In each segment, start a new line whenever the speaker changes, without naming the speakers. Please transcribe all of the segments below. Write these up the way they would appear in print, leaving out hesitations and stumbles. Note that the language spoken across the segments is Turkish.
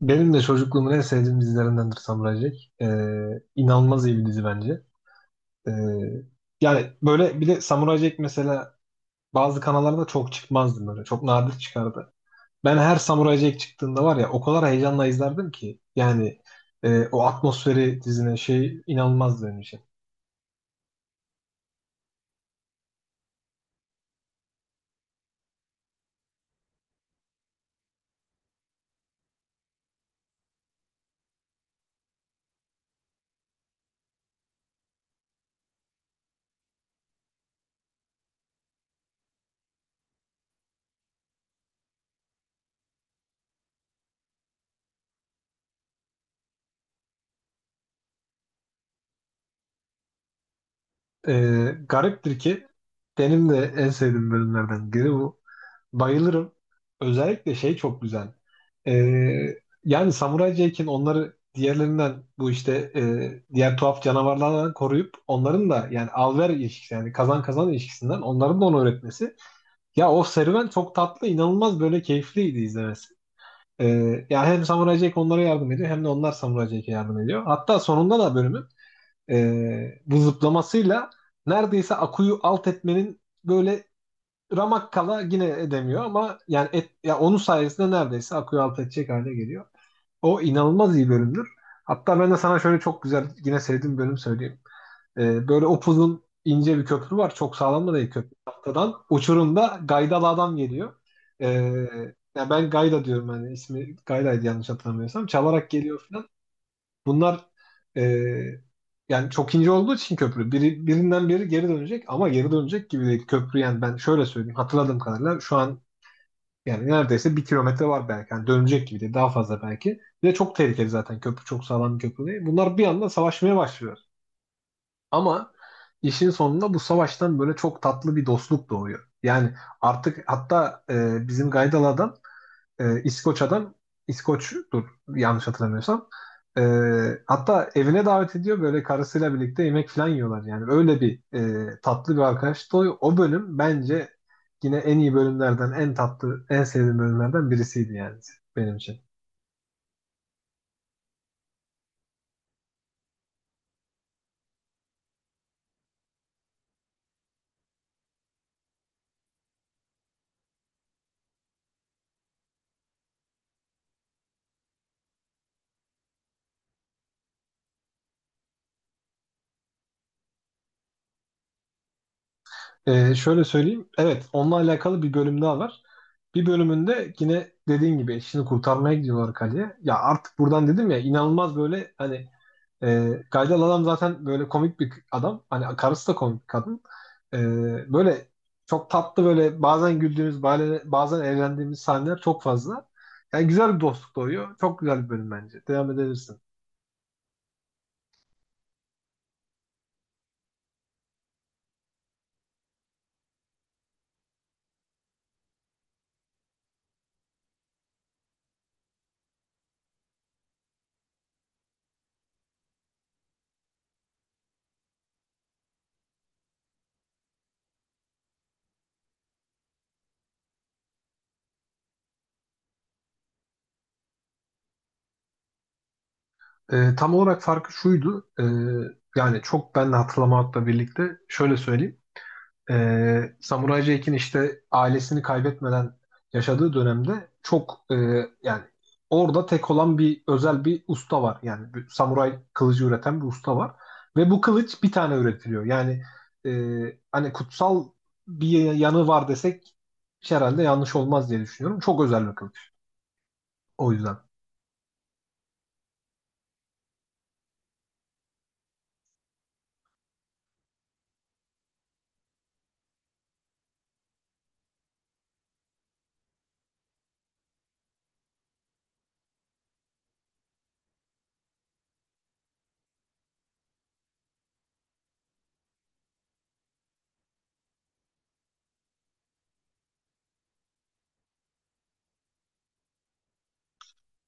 Benim de çocukluğumun en sevdiğim dizilerindendir Samurai Jack. İnanılmaz iyi bir dizi bence. Ee, Yani böyle bir de Samurai Jack mesela bazı kanallarda çok çıkmazdı böyle. Çok nadir çıkardı. Ben her Samurai Jack çıktığında var ya o kadar heyecanla izlerdim ki. Yani o atmosferi dizine şey inanılmazdı benim için. Gariptir ki benim de en sevdiğim bölümlerden biri bu. Bayılırım. Özellikle şey çok güzel. Ee, Yani Samuray Jack'in onları diğerlerinden bu işte diğer tuhaf canavarlardan koruyup onların da yani al-ver ilişkisi yani kazan kazan ilişkisinden onların da onu öğretmesi. Ya o serüven çok tatlı, inanılmaz böyle keyifliydi izlemesi. Ee, Yani hem Samuray Jack onlara yardım ediyor hem de onlar Samuray Jack'e yardım ediyor. Hatta sonunda da bölümün bu zıplamasıyla neredeyse Aku'yu alt etmenin böyle Ramakkala yine edemiyor ama yani et, ya onun sayesinde neredeyse akıyor alt edecek hale geliyor. O inanılmaz iyi bölümdür. Hatta ben de sana şöyle çok güzel yine sevdiğim bölüm söyleyeyim. Böyle upuzun ince bir köprü var. Çok sağlam da değil köprü. Tahtadan uçurumda gaydalı adam geliyor. Ee, Ya ben Gayda diyorum hani ismi Gayda'ydı yanlış hatırlamıyorsam. Çalarak geliyor falan. Bunlar eee, yani çok ince olduğu için köprü biri, birinden biri geri dönecek ama geri dönecek gibi değil. Köprü yani ben şöyle söyleyeyim hatırladığım kadarıyla şu an yani neredeyse bir kilometre var belki. Yani dönecek gibi değil daha fazla belki. Ve çok tehlikeli zaten köprü çok sağlam bir köprü değil. Bunlar bir anda savaşmaya başlıyor. Ama işin sonunda bu savaştan böyle çok tatlı bir dostluk doğuyor. Yani artık hatta bizim Gaydal'dan İskoç adam İskoç'tur yanlış hatırlamıyorsam. E, Hatta evine davet ediyor böyle karısıyla birlikte yemek falan yiyorlar yani. Öyle bir tatlı bir arkadaştı. O bölüm bence yine en iyi bölümlerden, en tatlı, en sevdiğim bölümlerden birisiydi yani benim için. Şöyle söyleyeyim. Evet, onunla alakalı bir bölüm daha var. Bir bölümünde yine dediğin gibi eşini kurtarmaya gidiyorlar kaleye. Ya artık buradan dedim ya inanılmaz böyle hani Gaydel adam zaten böyle komik bir adam. Hani karısı da komik bir kadın. E, Böyle çok tatlı böyle bazen güldüğümüz bazen eğlendiğimiz sahneler çok fazla. Yani güzel bir dostluk doğuyor. Çok güzel bir bölüm bence. Devam edebilirsin. Tam olarak farkı şuydu. Yani çok ben de hatırlamakla birlikte şöyle söyleyeyim. Samuray Jack'in işte ailesini kaybetmeden yaşadığı dönemde çok yani orada tek olan bir özel bir usta var. Yani bir samuray kılıcı üreten bir usta var. Ve bu kılıç bir tane üretiliyor. Yani hani kutsal bir yanı var desek herhalde yanlış olmaz diye düşünüyorum. Çok özel bir kılıç. O yüzden.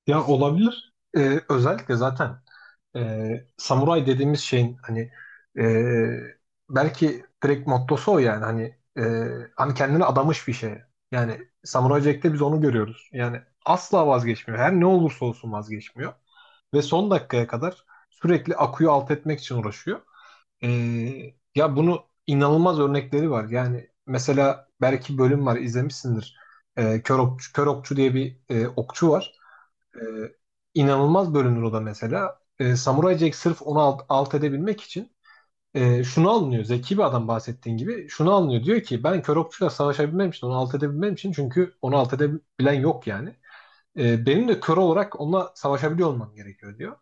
Ya olabilir. E, özellikle zaten. Samuray dediğimiz şeyin hani e, belki direkt mottosu o yani hani hani kendini adamış bir şey. Yani Samuray Jack'te biz onu görüyoruz. Yani asla vazgeçmiyor. Her ne olursa olsun vazgeçmiyor. Ve son dakikaya kadar sürekli akuyu alt etmek için uğraşıyor. Ee, Ya bunu inanılmaz örnekleri var. Yani mesela belki bölüm var izlemişsindir. Kör Okçu, Kör Okçu diye bir okçu var. Ee, inanılmaz bölünür o da mesela. Samurai Jack sırf onu alt edebilmek için şunu anlıyor. Zeki bir adam bahsettiğin gibi şunu anlıyor. Diyor ki ben kör okçuyla savaşabilmem için, onu alt edebilmem için çünkü onu alt edebilen yok yani. Benim de kör olarak onunla savaşabiliyor olmam gerekiyor diyor.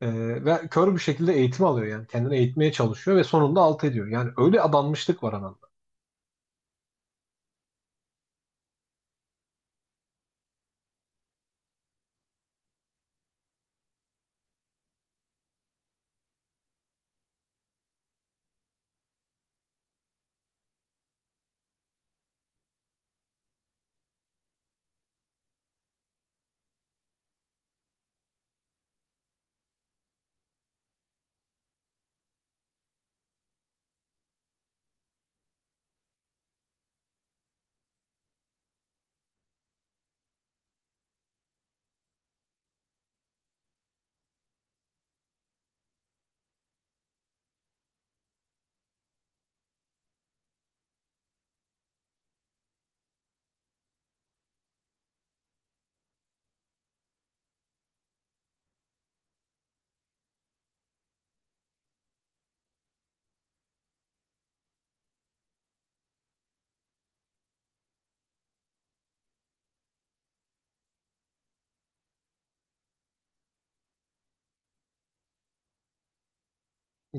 Ve kör bir şekilde eğitim alıyor yani. Kendini eğitmeye çalışıyor ve sonunda alt ediyor. Yani öyle adanmışlık var anlamda.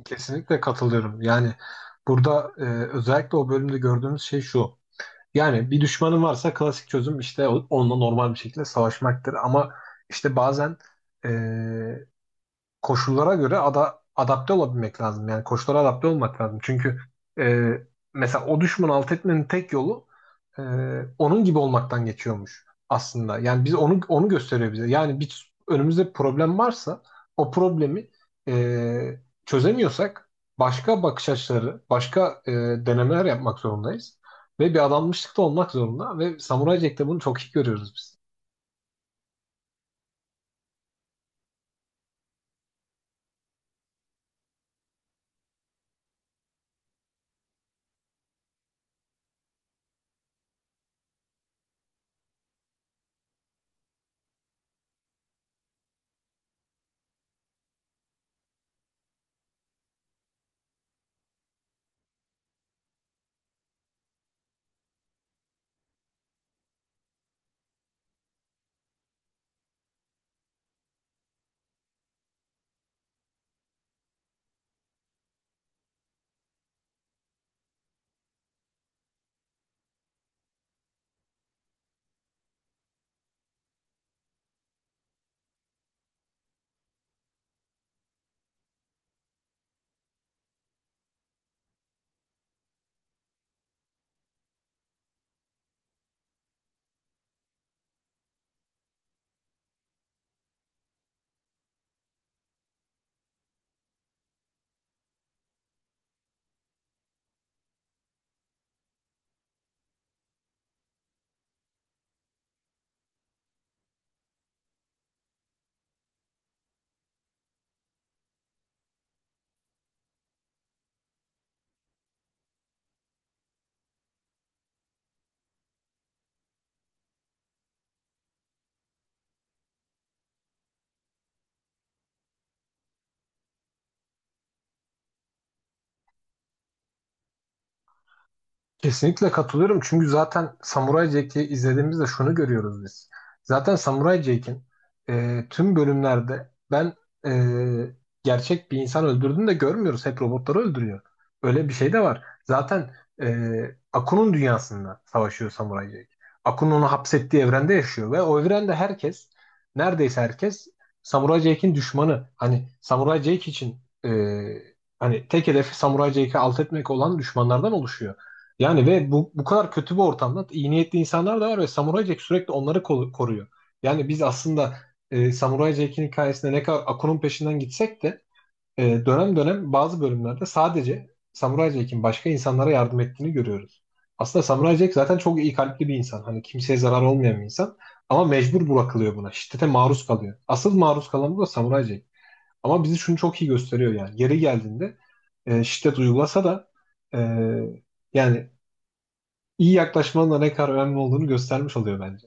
Kesinlikle katılıyorum. Yani burada özellikle o bölümde gördüğümüz şey şu. Yani bir düşmanın varsa klasik çözüm işte onunla normal bir şekilde savaşmaktır. Ama işte bazen koşullara göre adapte olabilmek lazım. Yani koşullara adapte olmak lazım. Çünkü e, mesela o düşmanı alt etmenin tek yolu e, onun gibi olmaktan geçiyormuş aslında. Yani biz onu gösteriyor bize. Yani bir önümüzde bir problem varsa o problemi e, çözemiyorsak başka bakış açıları, başka denemeler yapmak zorundayız. Ve bir adanmışlıkta olmak zorunda ve Samuray Jack'te bunu çok iyi görüyoruz biz. Kesinlikle katılıyorum çünkü zaten Samurai Jack'i izlediğimizde şunu görüyoruz biz. Zaten Samurai Jack'in tüm bölümlerde ben e, gerçek bir insan öldürdüğünü de görmüyoruz. Hep robotları öldürüyor. Öyle bir şey de var. Zaten Aku'nun dünyasında savaşıyor Samurai Jack. Aku'nun onu hapsettiği evrende yaşıyor ve o evrende herkes, neredeyse herkes Samurai Jack'in düşmanı. Hani Samurai Jack için e, hani tek hedefi Samurai Jack'i alt etmek olan düşmanlardan oluşuyor. Yani ve bu kadar kötü bir ortamda iyi niyetli insanlar da var ve Samuray Jack sürekli onları koruyor. Yani biz aslında Samuray Jack'in hikayesinde ne kadar Akun'un peşinden gitsek de dönem dönem bazı bölümlerde sadece Samuray Jack'in başka insanlara yardım ettiğini görüyoruz. Aslında Samuray Jack zaten çok iyi kalpli bir insan. Hani kimseye zarar olmayan bir insan. Ama mecbur bırakılıyor buna. Şiddete maruz kalıyor. Asıl maruz kalan bu da Samuray Jack. Ama bizi şunu çok iyi gösteriyor yani. Yeri geldiğinde şiddet uygulasa da e, yani iyi yaklaşmanın da ne kadar önemli olduğunu göstermiş oluyor bence.